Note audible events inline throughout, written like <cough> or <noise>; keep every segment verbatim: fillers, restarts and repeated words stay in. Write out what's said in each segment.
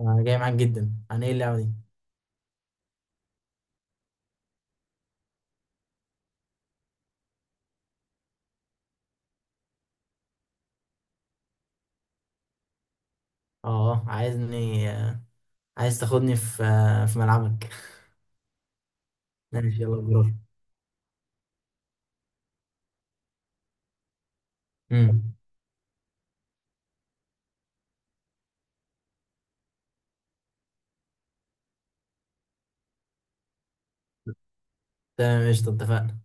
انا جاي معاك جدا. عن ايه اللعبه دي؟ اه عايزني، آه، عايز تاخدني في آه، في ملعبك. <laughs> ماشي يلا بروح. امم. تمام قشطه اتفقنا.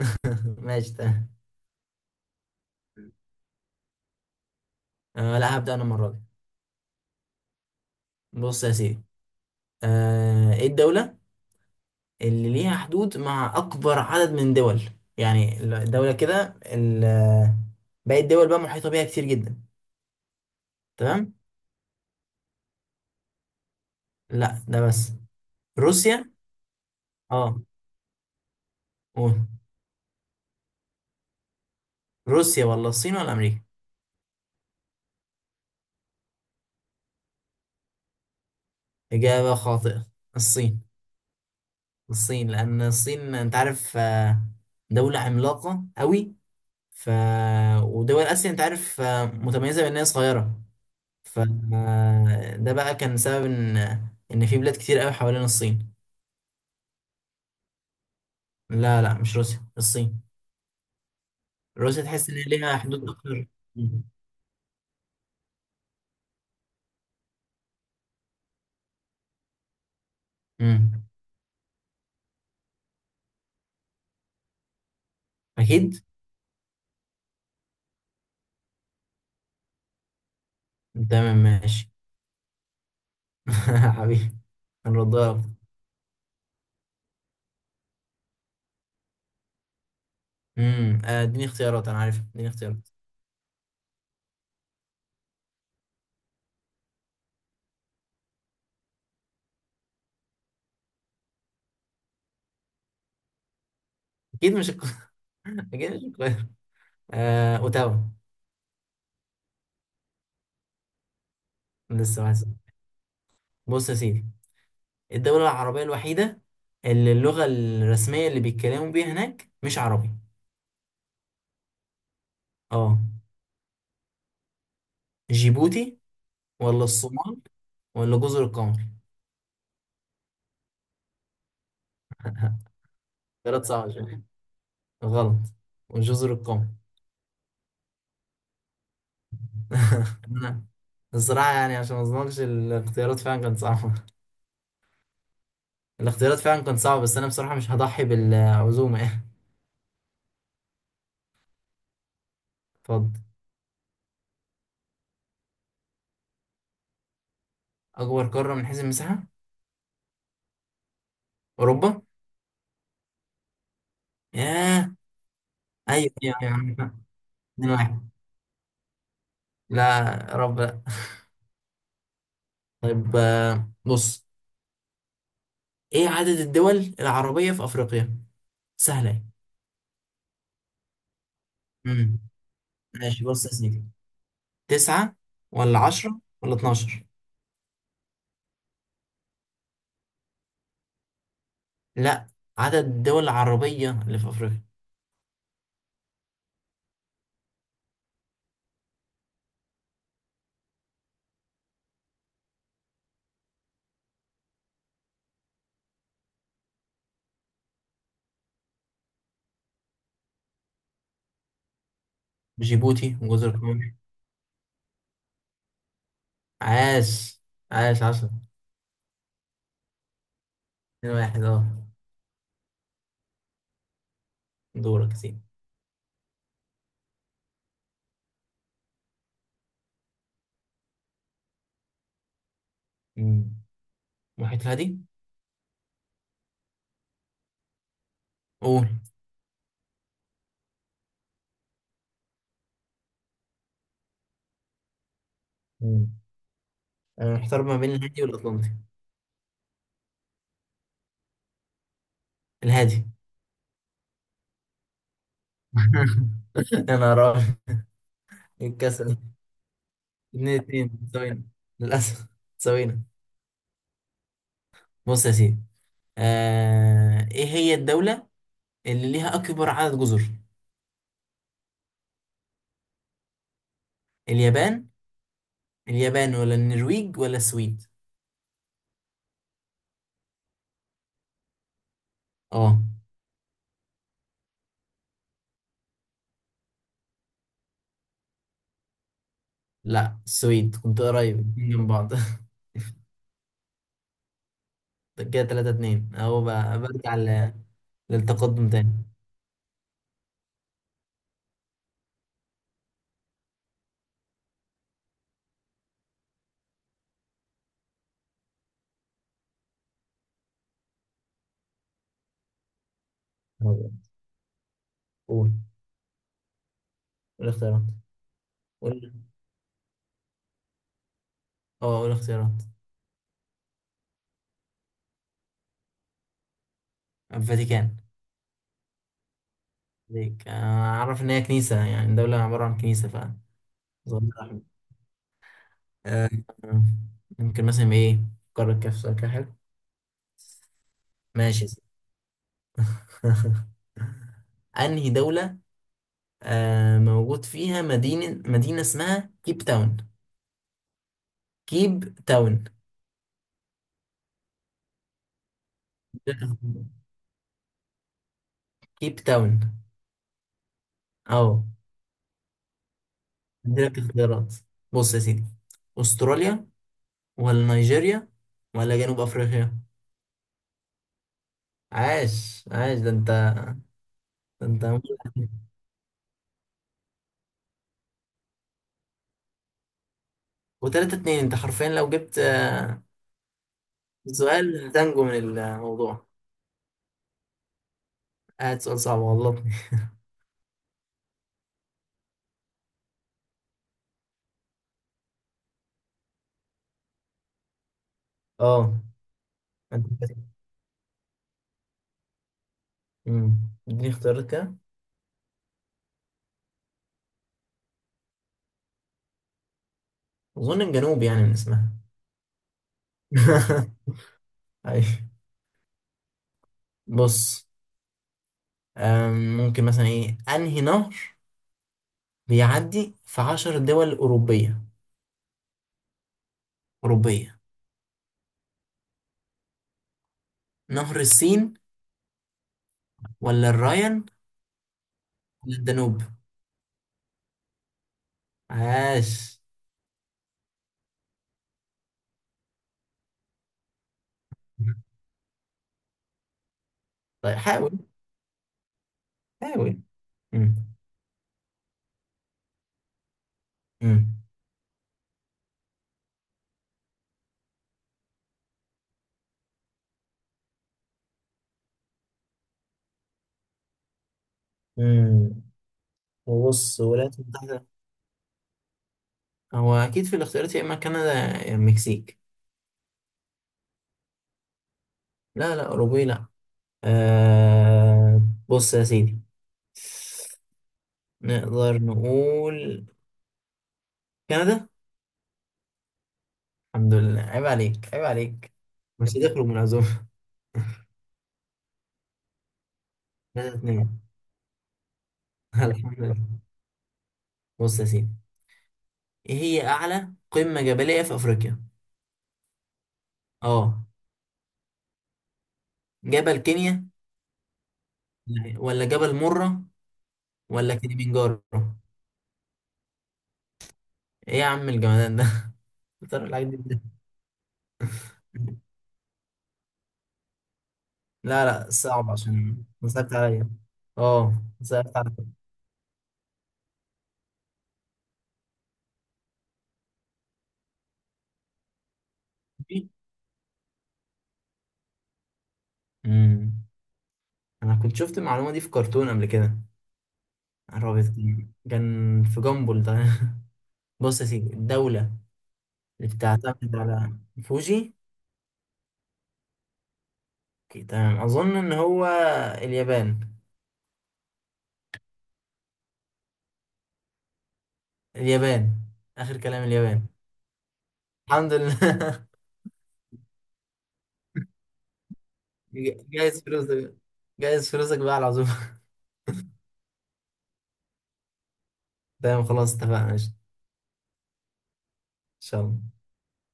<laughs> ماشي تمام. آه لا هبدا انا المره دي. بص يا سيدي، آه ايه الدوله اللي ليها حدود مع اكبر عدد من دول؟ يعني ال- الدوله كده ال- آه، باقي الدول بقى محيطه بيها كتير جدا. تمام. لا ده بس. روسيا. اه قول. روسيا ولا الصين ولا امريكا؟ اجابه خاطئه، الصين. الصين لان الصين انت عارف، آه، دولة عملاقة قوي. ف ودول اسيا انت عارف، آه، متميزة بان هي صغيرة. ف آه، ده بقى كان سبب ان ان في بلاد كتير قوي حوالين الصين. لا لا، مش روسيا، الصين. روسيا تحس ان هي ليها حدود اكتر. مم. مم. اكيد. تمام ماشي. <laughs> حبيبي، هنردها لك. امم، آه، اديني اختيارات، انا عارف، اديني اختيارات. اكيد مش القاهرة. <laughs> اكيد مش القاهرة. آه، اوتاوا. لسه واحد صفر. بص يا سيدي، الدولة العربية الوحيدة اللي اللغة الرسمية اللي بيتكلموا بيها هناك مش عربي. اه جيبوتي ولا الصومال ولا جزر القمر. <laughs> ثلاث صعب شوية. غلط، وجزر القمر. <laughs> أنا الصراحة يعني عشان ما اظلمكش، الاختيارات فعلا كانت صعبة، الاختيارات فعلا كانت صعبة، بس أنا بصراحة مش هضحي بالعزومة يعني. اتفضل. أكبر قارة من حيث المساحة. أوروبا. ياه. أيوه أيوه أيوه. اتنين واحد. لا، يا رب لا. طيب، آه، بص، ايه عدد الدول العربية في افريقيا؟ سهلة اهي. امم ماشي. بص يا سيدي، تسعة ولا عشرة ولا اتناشر. لا، عدد الدول العربية اللي في افريقيا. جيبوتي وجزر القمر. عاش، عاش عشرة. اتنين واحد، اه. دورك يا سيدي. امم، محيط الهادي. قول. مم. انا محتار ما بين الهادي والاطلنطي. الهادي. <laughs> يا نهار أبيض، إيه الكسل ده؟ اتنين اتنين سوينا، للأسف سوينا. بص يا سيدي، آه... ايه هي الدولة اللي ليها أكبر عدد جزر؟ اليابان. اليابان ولا النرويج ولا السويد. اه لا، السويد كنت قريب، الاتنين جنب بعض. <laughs> ده كده تلاتة اتنين اهو، بقى برجع ل- للتقدم تاني. طيب، قول، قول اختيارات. قول. اه قول اختيارات. الفاتيكان. ليك، آه، اعرف ان هي كنيسة، يعني دولة عبارة عن كنيسة، ف ظل أحمر. آه، آه، ممكن مثلا ايه قارة كاف، سؤال كده حلو. ماشي يا سيدي. <laughs> انهي دولة آه موجود فيها مدينة مدينة اسمها كيب تاون؟ كيب تاون. كيب تاون. اه. عندك اختيارات، بص يا سيدي، استراليا ولا نيجيريا ولا جنوب افريقيا. عاش عاش، ده انت. ده انت. <laughs> وتلاتة اتنين، انت حرفيا لو جبت آه، سؤال هتنجو من الموضوع. قاعد سؤال صعب غلطني. <laughs> اه انت. امم، اديني اختيارات كده. اظن الجنوب، يعني من اسمها. <laughs> أيوة. بص، أم، ممكن مثلا ايه انهي نهر بيعدي في عشر دول اوروبيه؟ اوروبيه. نهر السين ولا الراين ولا الدانوب. عاش. طيب حاول، حاول. مم. مم. مم. بص الولايات المتحده. هو اكيد في الاختيارات يا اما كندا يا المكسيك. لا لا، اوروبي لا. أه بص يا سيدي، نقدر نقول كندا. الحمد لله، عيب عليك، عيب عليك، مش هتخرج من العزومه. <laughs> تلاتة. <laughs> الحمد لله. بص يا سيدي، ايه هي اعلى قمة جبلية في افريقيا؟ اه. جبل كينيا لا، ولا جبل مرة، ولا كليمنجارو. ايه يا عم الجمدان ده. <laughs> بتعرف الحاجات دي إزاي؟ لا لا، صعب، عشان صعبت عليا. اه صعبت عليا. امم، انا كنت شفت المعلومة دي في كرتون قبل كده. عربت، كان في جامبل ده. <laughs> بص يا سيدي، الدولة اللي بتعتمد على فوجي. تمام، اظن ان هو اليابان. اليابان، آخر كلام اليابان. الحمد لله. <laughs> جايز فلوسك، جايز فلوسك بقى على العزومة. <laughs> تمام خلاص اتفقنا ماشي. إن شاء الله.